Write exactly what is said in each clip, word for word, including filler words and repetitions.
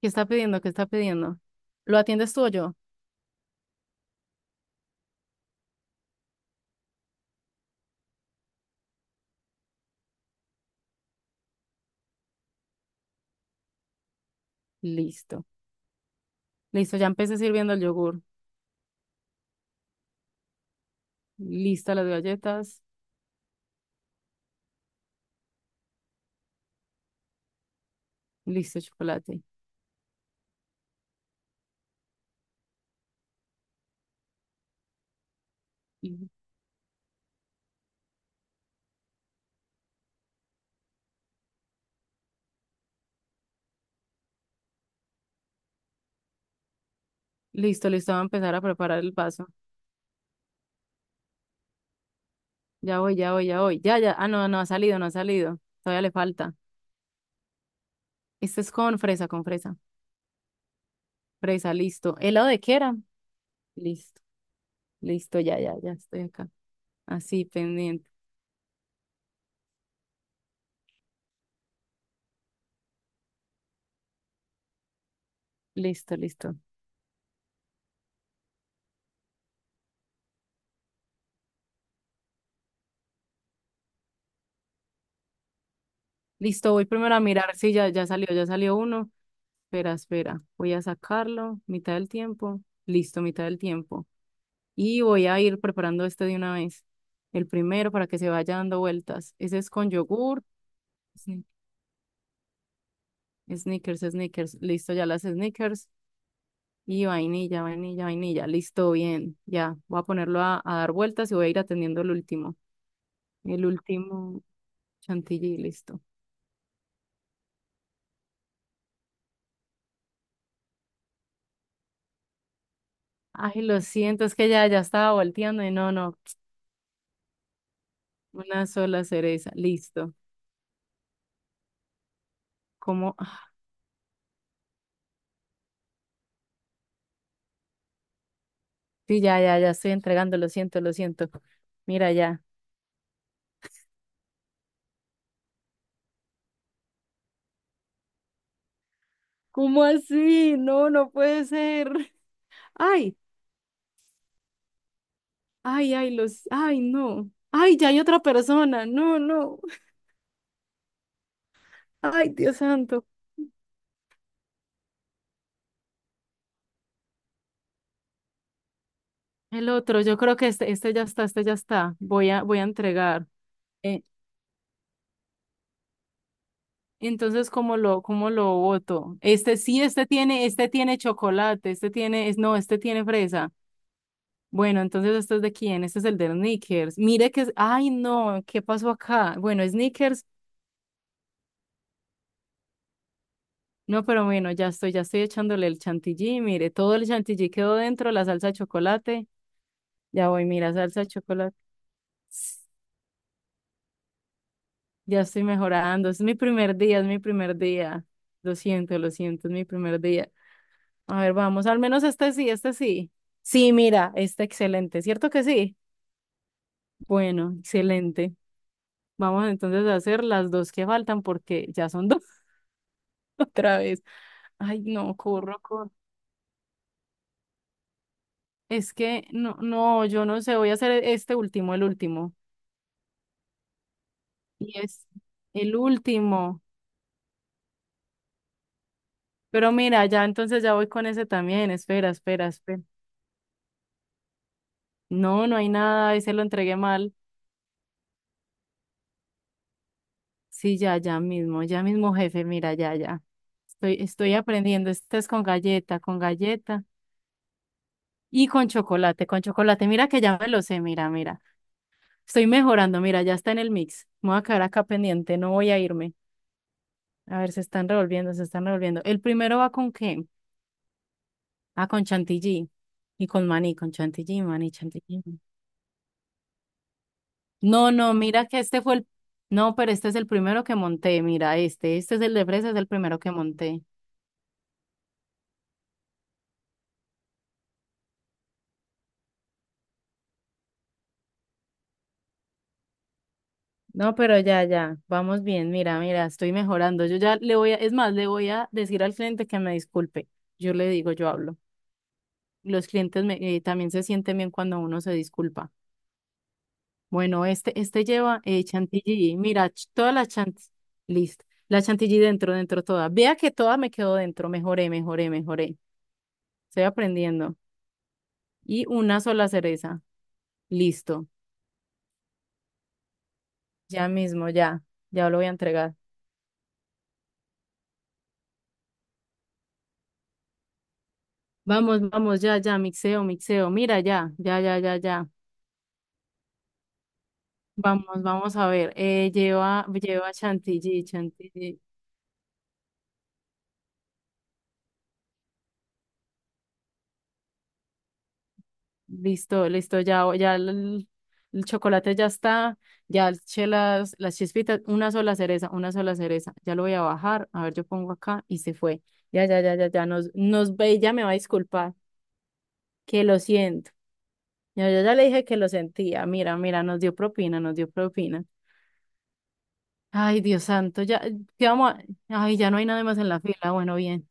¿Qué está pidiendo? ¿Qué está pidiendo? ¿Lo atiendes tú o yo? Listo. Listo, ya empecé sirviendo el yogur. Lista las galletas. Listo el chocolate. Y- Listo, listo, va a empezar a preparar el vaso. Ya voy, ya voy, ya voy. Ya, ya. Ah, no, no ha salido, no ha salido. Todavía le falta. Este es con fresa, con fresa. Fresa, listo. ¿Helado de qué era? Listo, listo, ya, ya, ya estoy acá. Así, pendiente. Listo, listo. Listo, voy primero a mirar. Sí, ya, ya salió, ya salió uno. Espera, espera. Voy a sacarlo. Mitad del tiempo. Listo, mitad del tiempo. Y voy a ir preparando este de una vez. El primero para que se vaya dando vueltas. Ese es con yogur. Sni- Snickers, Snickers. Listo, ya las Snickers. Y vainilla, vainilla, vainilla. Listo, bien. Ya, voy a ponerlo a, a dar vueltas y voy a ir atendiendo el último. El último chantilly, listo. Ay, lo siento, es que ya, ya estaba volteando y no, no. Una sola cereza, listo. ¿Cómo? Ah, sí, ya, ya, ya estoy entregando, lo siento, lo siento. Mira ya. ¿Cómo así? No, no puede ser. Ay, ay, ay, los, ay, no. Ay, ya hay otra persona. No, no. Ay, Dios santo. El otro, yo creo que este, este ya está, este ya está. Voy a, voy a entregar. Eh, entonces, ¿cómo lo, cómo lo voto? Este sí, este tiene, este tiene chocolate, este tiene, es, no, este tiene fresa. Bueno, entonces este es de quién, este es el de Snickers. Mire que es, ay no, ¿qué pasó acá? Bueno, Snickers, no, pero bueno, ya estoy, ya estoy echándole el chantilly, mire, todo el chantilly quedó dentro, la salsa de chocolate, ya voy, mira, salsa de chocolate, ya estoy mejorando, es mi primer día, es mi primer día, lo siento, lo siento, es mi primer día. A ver, vamos, al menos este sí, este sí. Sí, mira, está excelente, ¿cierto que sí? Bueno, excelente. Vamos entonces a hacer las dos que faltan porque ya son dos otra vez. Ay, no, corro, corro. Es que no, no, yo no sé, voy a hacer e-, este último, el último. Y es el último. Pero mira, ya entonces ya voy con ese también. Espera, espera, espera. No, no hay nada, ese lo entregué mal. Sí, ya, ya mismo, ya mismo, jefe, mira, ya, ya. Estoy, estoy aprendiendo. Este es con galleta, con galleta y con chocolate, con chocolate. Mira que ya me lo sé, mira, mira. Estoy mejorando, mira, ya está en el mix. Me voy a quedar acá pendiente, no voy a irme. A ver, se están revolviendo, se están revolviendo. El primero ¿va con qué? Ah, con Chantilly. Y con maní, con Chantilly, maní, Chantilly. No, no, mira que este fue el... No, pero este es el primero que monté, mira, este, este es el de fresa, es el primero que monté. No, pero ya, ya, vamos bien, mira, mira, estoy mejorando. Yo ya le voy a, es más, le voy a decir al cliente que me disculpe. Yo le digo, yo hablo. Los clientes me- eh, también se sienten bien cuando uno se disculpa. Bueno, este, este lleva eh, chantilly. Mira, ch- toda la chantilly. Listo. La chantilly dentro, dentro toda. Vea que toda me quedó dentro. Mejoré, mejoré, mejoré. Estoy aprendiendo. Y una sola cereza. Listo. Ya mismo, ya. Ya lo voy a entregar. Vamos, vamos, ya, ya. Mixeo, mixeo. Mira, ya, ya, ya, ya, ya. Vamos, vamos a ver. Eh, lleva, lleva chantilly, chantilly. Listo, listo, ya, ya el, el chocolate ya está, ya eché las, las chispitas, una sola cereza, una sola cereza, ya lo voy a bajar, a ver, yo pongo acá y se fue. Ya, ya, ya, ya, ya, nos, nos ve y ya me va a disculpar, que lo siento. Ya, yo ya le dije que lo sentía, mira, mira, nos dio propina, nos dio propina. Ay, Dios santo, ya, ¿qué vamos a-? Ay, ya no hay nada más en la fila, bueno, bien.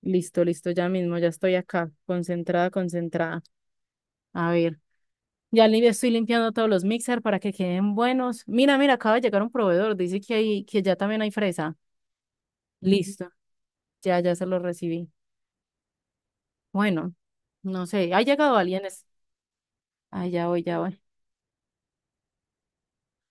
Listo, listo, ya mismo, ya estoy acá, concentrada, concentrada. A ver. Ya li- estoy limpiando todos los mixer para que queden buenos. Mira, mira, acaba de llegar un proveedor. Dice que hay, que ya también hay fresa. Listo. Ya, ya se lo recibí. Bueno, no sé. ¿Ha llegado alguien? Es- Ah, ya voy, ya voy.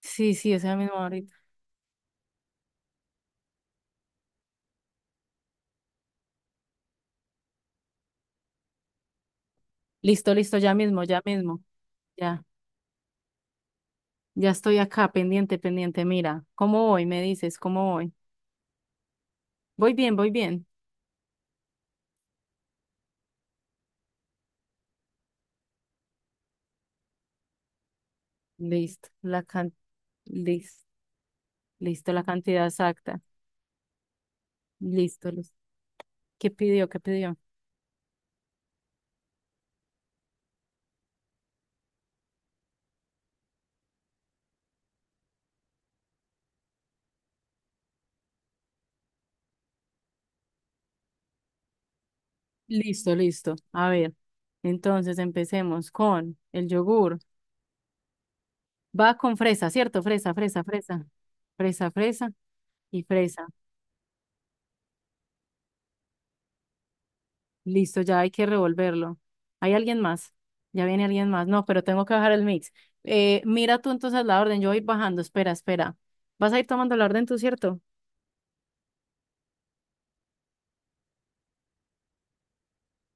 Sí, sí, esa misma ahorita. Listo, listo, ya mismo, ya mismo. Ya, ya estoy acá, pendiente, pendiente. Mira, ¿cómo voy? Me dices, ¿cómo voy? Voy bien, voy bien. Listo, la can... Listo, listo, la cantidad exacta. Listo, listo. ¿Qué pidió? ¿Qué pidió? Listo, listo. A ver, entonces empecemos con el yogur. Va con fresa, ¿cierto? Fresa, fresa, fresa. Fresa, fresa y fresa. Listo, ya hay que revolverlo. ¿Hay alguien más? Ya viene alguien más. No, pero tengo que bajar el mix. Eh, mira tú entonces la orden. Yo voy bajando. Espera, espera. Vas a ir tomando la orden tú, ¿cierto?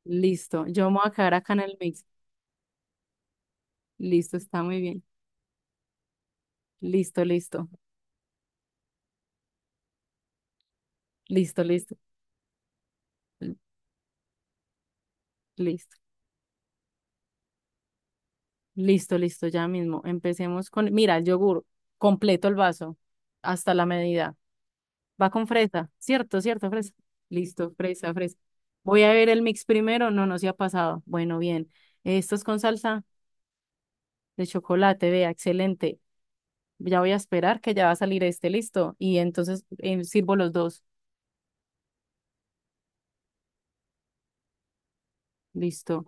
Listo. Yo me voy a quedar acá en el mix. Listo, está muy bien. Listo, listo. Listo, listo. Listo. Listo, listo, ya mismo. Empecemos con, mira, el yogur, completo el vaso, hasta la medida. Va con fresa, ¿cierto? ¿Cierto? Fresa. Listo, fresa, fresa. Voy a ver el mix primero, no, no se ha pasado. Bueno, bien. Esto es con salsa de chocolate, vea, excelente. Ya voy a esperar que ya va a salir este, listo. Y entonces eh, sirvo los dos, listo.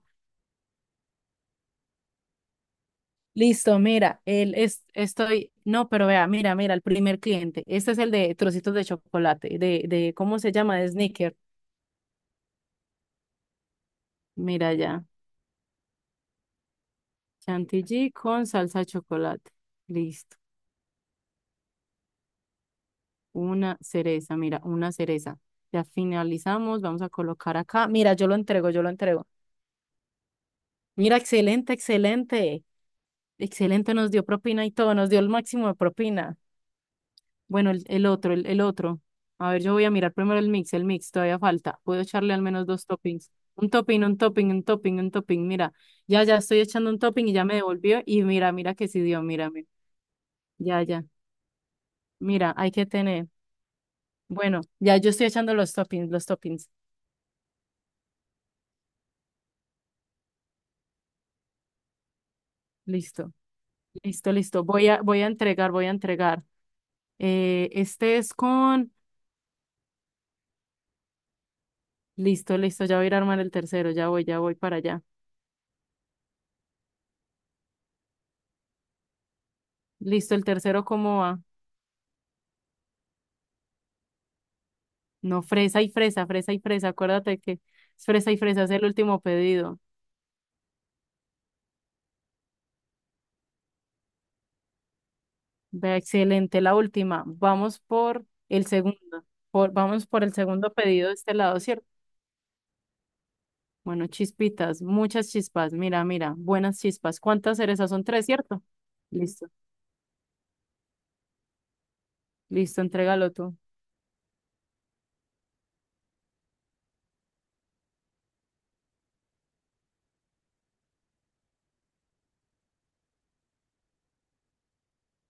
Listo, mira, el, es, estoy, no, pero vea, mira, mira, el primer cliente. Este es el de trocitos de chocolate, de, de, ¿cómo se llama? De Snickers. Mira ya. Chantilly con salsa de chocolate. Listo. Una cereza, mira, una cereza. Ya finalizamos, vamos a colocar acá. Mira, yo lo entrego, yo lo entrego. Mira, excelente, excelente. Excelente, nos dio propina y todo, nos dio el máximo de propina. Bueno, el, el otro, el, el otro. A ver, yo voy a mirar primero el mix, el mix, todavía falta. Puedo echarle al menos dos toppings. Un topping, un topping, un topping, un topping. Mira, ya, ya estoy echando un topping y ya me devolvió. Y mira, mira que sí dio, mira, mira. Ya, ya. Mira, hay que tener. Bueno, ya yo estoy echando los toppings, los toppings. Listo, listo, listo. Voy a, voy a entregar, voy a entregar. Eh, este es con... Listo, listo, ya voy a ir a armar el tercero, ya voy, ya voy para allá. Listo, el tercero, ¿cómo va? No, fresa y fresa, fresa y fresa. Acuérdate que es fresa y fresa, es el último pedido. Vea, excelente, la última. Vamos por el segundo, por, vamos por el segundo pedido de este lado, ¿cierto? Bueno, chispitas, muchas chispas. Mira, mira, buenas chispas. ¿Cuántas cerezas? Son tres, ¿cierto? Listo. Listo, entrégalo tú.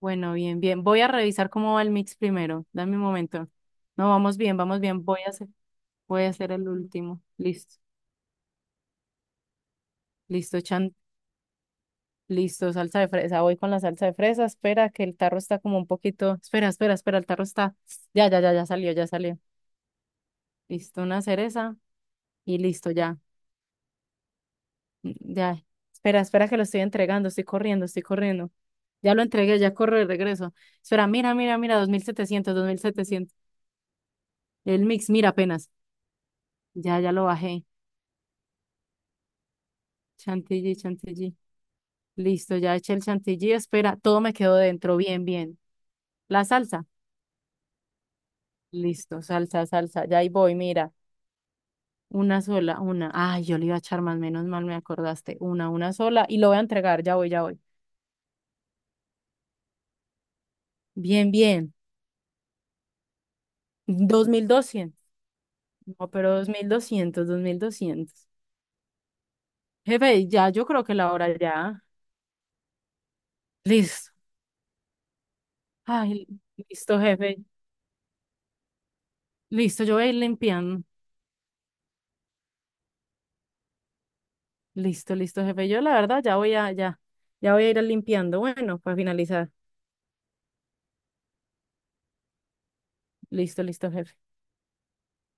Bueno, bien, bien. Voy a revisar cómo va el mix primero. Dame un momento. No, vamos bien, vamos bien. Voy a hacer, voy a hacer el último. Listo, listo, chan. Listo, salsa de fresa. Voy con la salsa de fresa. Espera, que el tarro está como un poquito. Espera, espera, espera, el tarro está. Ya, ya, ya, ya salió, ya salió. Listo, una cereza y listo, ya. Mm, ya. Espera, espera, que lo estoy entregando. Estoy corriendo, estoy corriendo. Ya lo entregué, ya corro de regreso. Espera, mira, mira, mira, dos dos mil setecientos, dos mil setecientos. El mix, mira apenas. Ya, ya lo bajé. Chantilly, chantilly. Listo, ya eché el chantilly. Espera, todo me quedó dentro. Bien, bien. La salsa. Listo, salsa, salsa. Ya ahí voy, mira. Una sola, una. Ay, yo le iba a echar más, menos mal me acordaste. Una, una sola. Y lo voy a entregar, ya voy, ya voy. Bien, bien. Dos mil doscientos. No, pero dos dos mil doscientos, dos mil doscientos. Jefe, ya, yo creo que la hora ya. Listo. Ay, listo, jefe. Listo, yo voy a ir limpiando. Listo, listo, jefe. Yo la verdad ya voy a, ya, ya voy a ir limpiando. Bueno, para finalizar. Listo, listo, jefe.